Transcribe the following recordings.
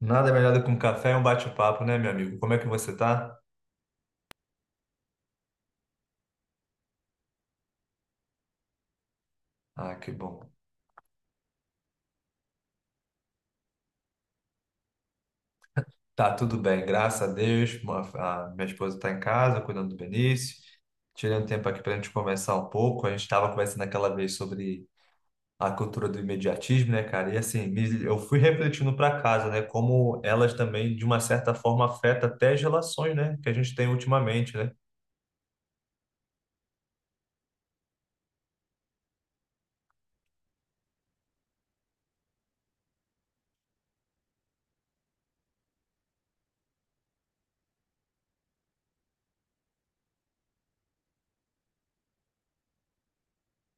Nada melhor do que um café e um bate-papo, né, meu amigo? Como é que você tá? Ah, que bom. Tá tudo bem, graças a Deus. A minha esposa tá em casa, cuidando do Benício. Tirando tempo aqui pra gente conversar um pouco. A gente estava conversando aquela vez sobre a cultura do imediatismo, né, cara? E assim, eu fui refletindo pra casa, né, como elas também, de uma certa forma, afetam até as relações, né, que a gente tem ultimamente, né?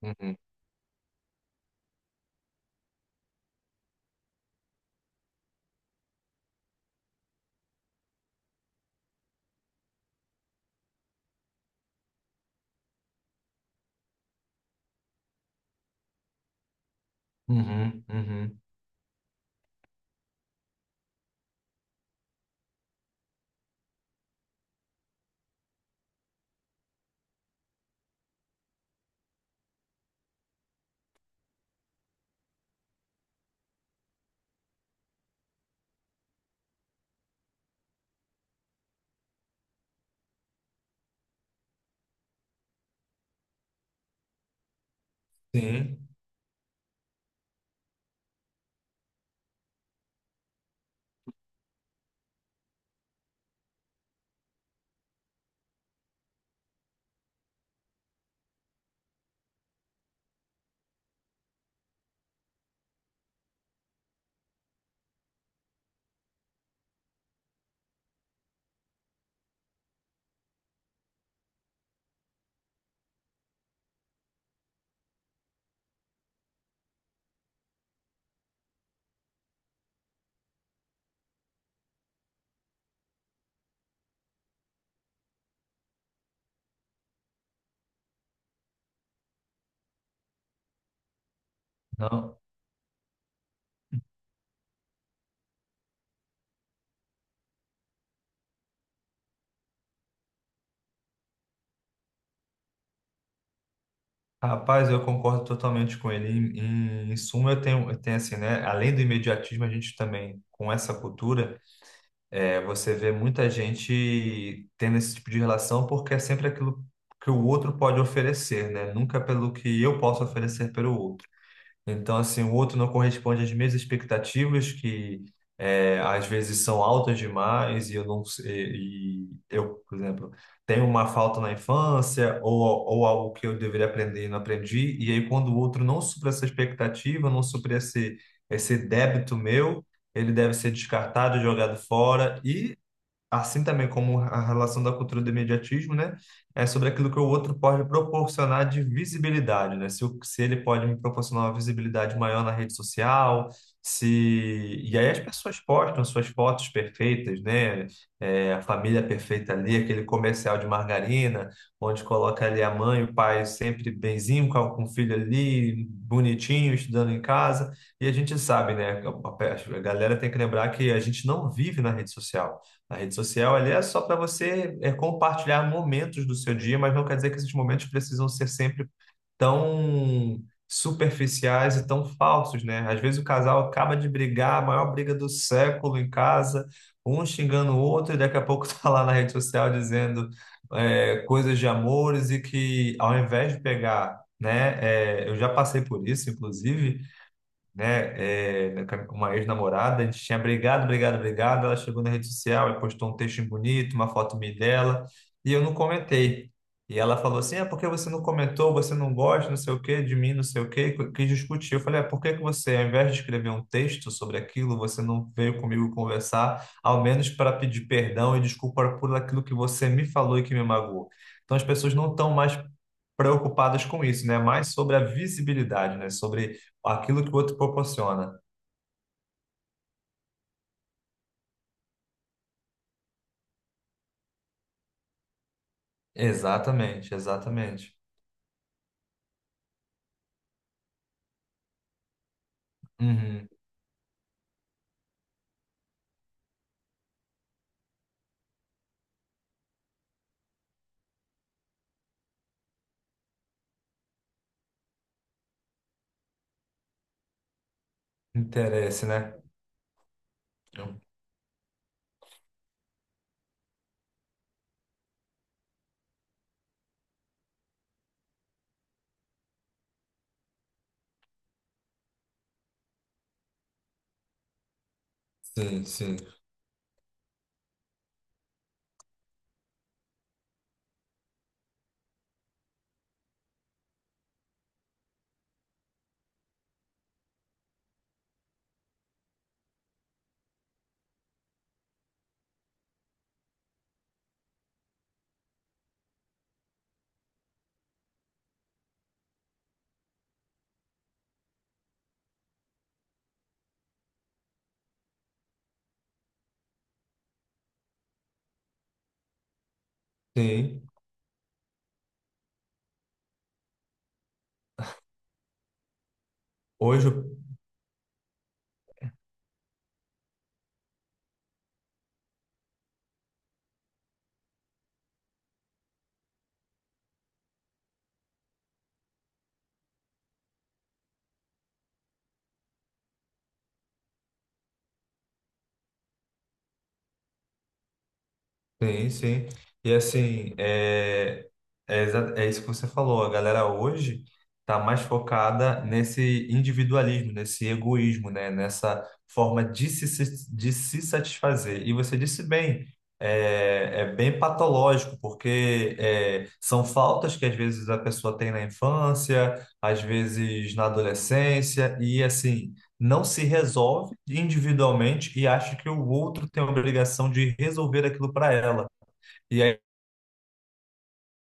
Uhum. Uhum, uhum. Sim. Não. Rapaz, eu concordo totalmente com ele. Em suma, eu tenho assim, né? Além do imediatismo, a gente também, com essa cultura, você vê muita gente tendo esse tipo de relação porque é sempre aquilo que o outro pode oferecer, né? Nunca pelo que eu posso oferecer pelo outro. Então, assim, o outro não corresponde às minhas expectativas, que às vezes são altas demais e eu não sei, e eu, por exemplo, tenho uma falta na infância ou algo que eu deveria aprender e não aprendi, e aí quando o outro não supra essa expectativa, não supra esse débito meu, ele deve ser descartado, jogado fora, e assim também como a relação da cultura do imediatismo, né, é sobre aquilo que o outro pode proporcionar de visibilidade, né, se ele pode me proporcionar uma visibilidade maior na rede social, se... E aí as pessoas postam suas fotos perfeitas, né, a família perfeita ali, aquele comercial de margarina, onde coloca ali a mãe, o pai sempre benzinho com o filho ali, bonitinho, estudando em casa, e a gente sabe, né, a galera tem que lembrar que a gente não vive na rede social, a rede social ali é só para você compartilhar momentos do seu dia, mas não quer dizer que esses momentos precisam ser sempre tão superficiais e tão falsos, né? Às vezes o casal acaba de brigar, a maior briga do século em casa, um xingando o outro, e daqui a pouco tá lá na rede social dizendo coisas de amores e que ao invés de pegar, né? Eu já passei por isso, inclusive né, com uma ex-namorada, a gente tinha brigado, brigado, brigado, ela chegou na rede social e postou um texto bonito, uma foto minha e dela, e eu não comentei. E ela falou assim, é porque você não comentou, você não gosta, não sei o quê, de mim, não sei o quê, quis discutir. Eu falei, é, por que que você, ao invés de escrever um texto sobre aquilo, você não veio comigo conversar, ao menos para pedir perdão e desculpa por aquilo que você me falou e que me magoou. Então as pessoas não estão mais preocupadas com isso, né? Mais sobre a visibilidade, né? Sobre aquilo que o outro proporciona. Exatamente, exatamente. Uhum. Interesse, né? Sim, sim. Sim. Hoje, sim, sim. E assim, é isso que você falou. A galera hoje está mais focada nesse individualismo, nesse egoísmo, né? Nessa forma de de se satisfazer. E você disse bem, é bem patológico, porque são faltas que às vezes a pessoa tem na infância, às vezes na adolescência, e assim não se resolve individualmente e acha que o outro tem a obrigação de resolver aquilo para ela. E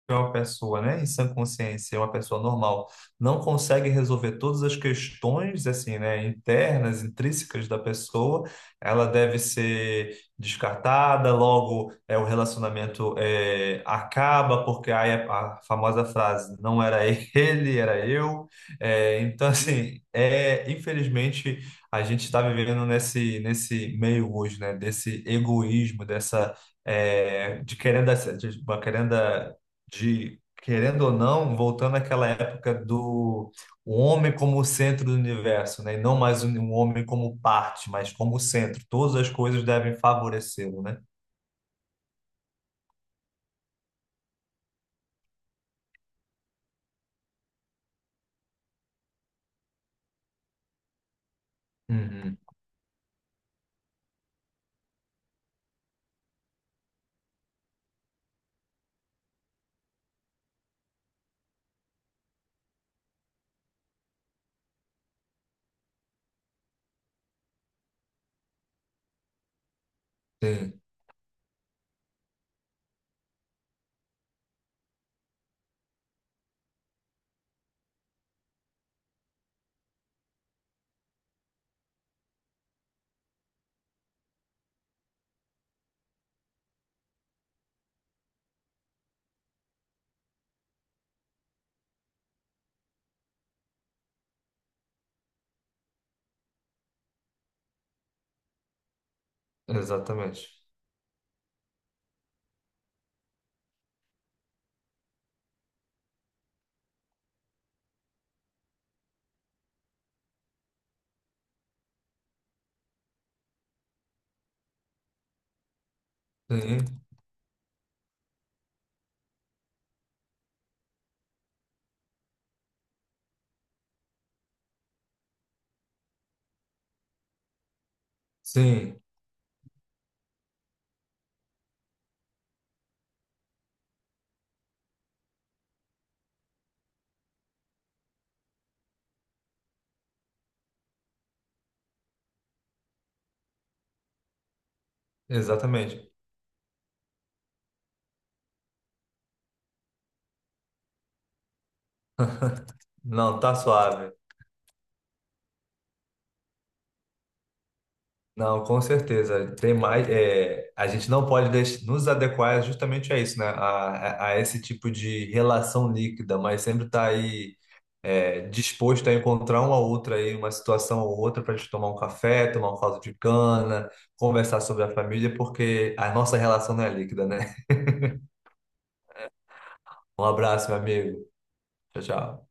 que uma pessoa, né, em sã consciência, é uma pessoa normal, não consegue resolver todas as questões, assim, né, internas, intrínsecas da pessoa, ela deve ser descartada, logo o relacionamento acaba, porque aí a famosa frase, não era ele, era eu. É, então, assim, infelizmente, a gente está vivendo nesse, nesse meio hoje, né, desse egoísmo, dessa é, de querendo, de- querendo querendo ou não, voltando àquela época do o homem como o centro do universo, né? E não mais o um homem como parte, mas como centro. Todas as coisas devem favorecê-lo, né? Uhum. Sim, exatamente. Sim, sim, exatamente. Não, tá suave. Não, com certeza. Tem mais, a gente não pode nos adequar justamente a isso, né? A esse tipo de relação líquida, mas sempre tá aí disposto a encontrar uma outra aí, uma situação ou outra para a gente tomar um café, tomar um caldo de cana, conversar sobre a família, porque a nossa relação não é líquida, né? Um abraço, meu amigo. Tchau, tchau.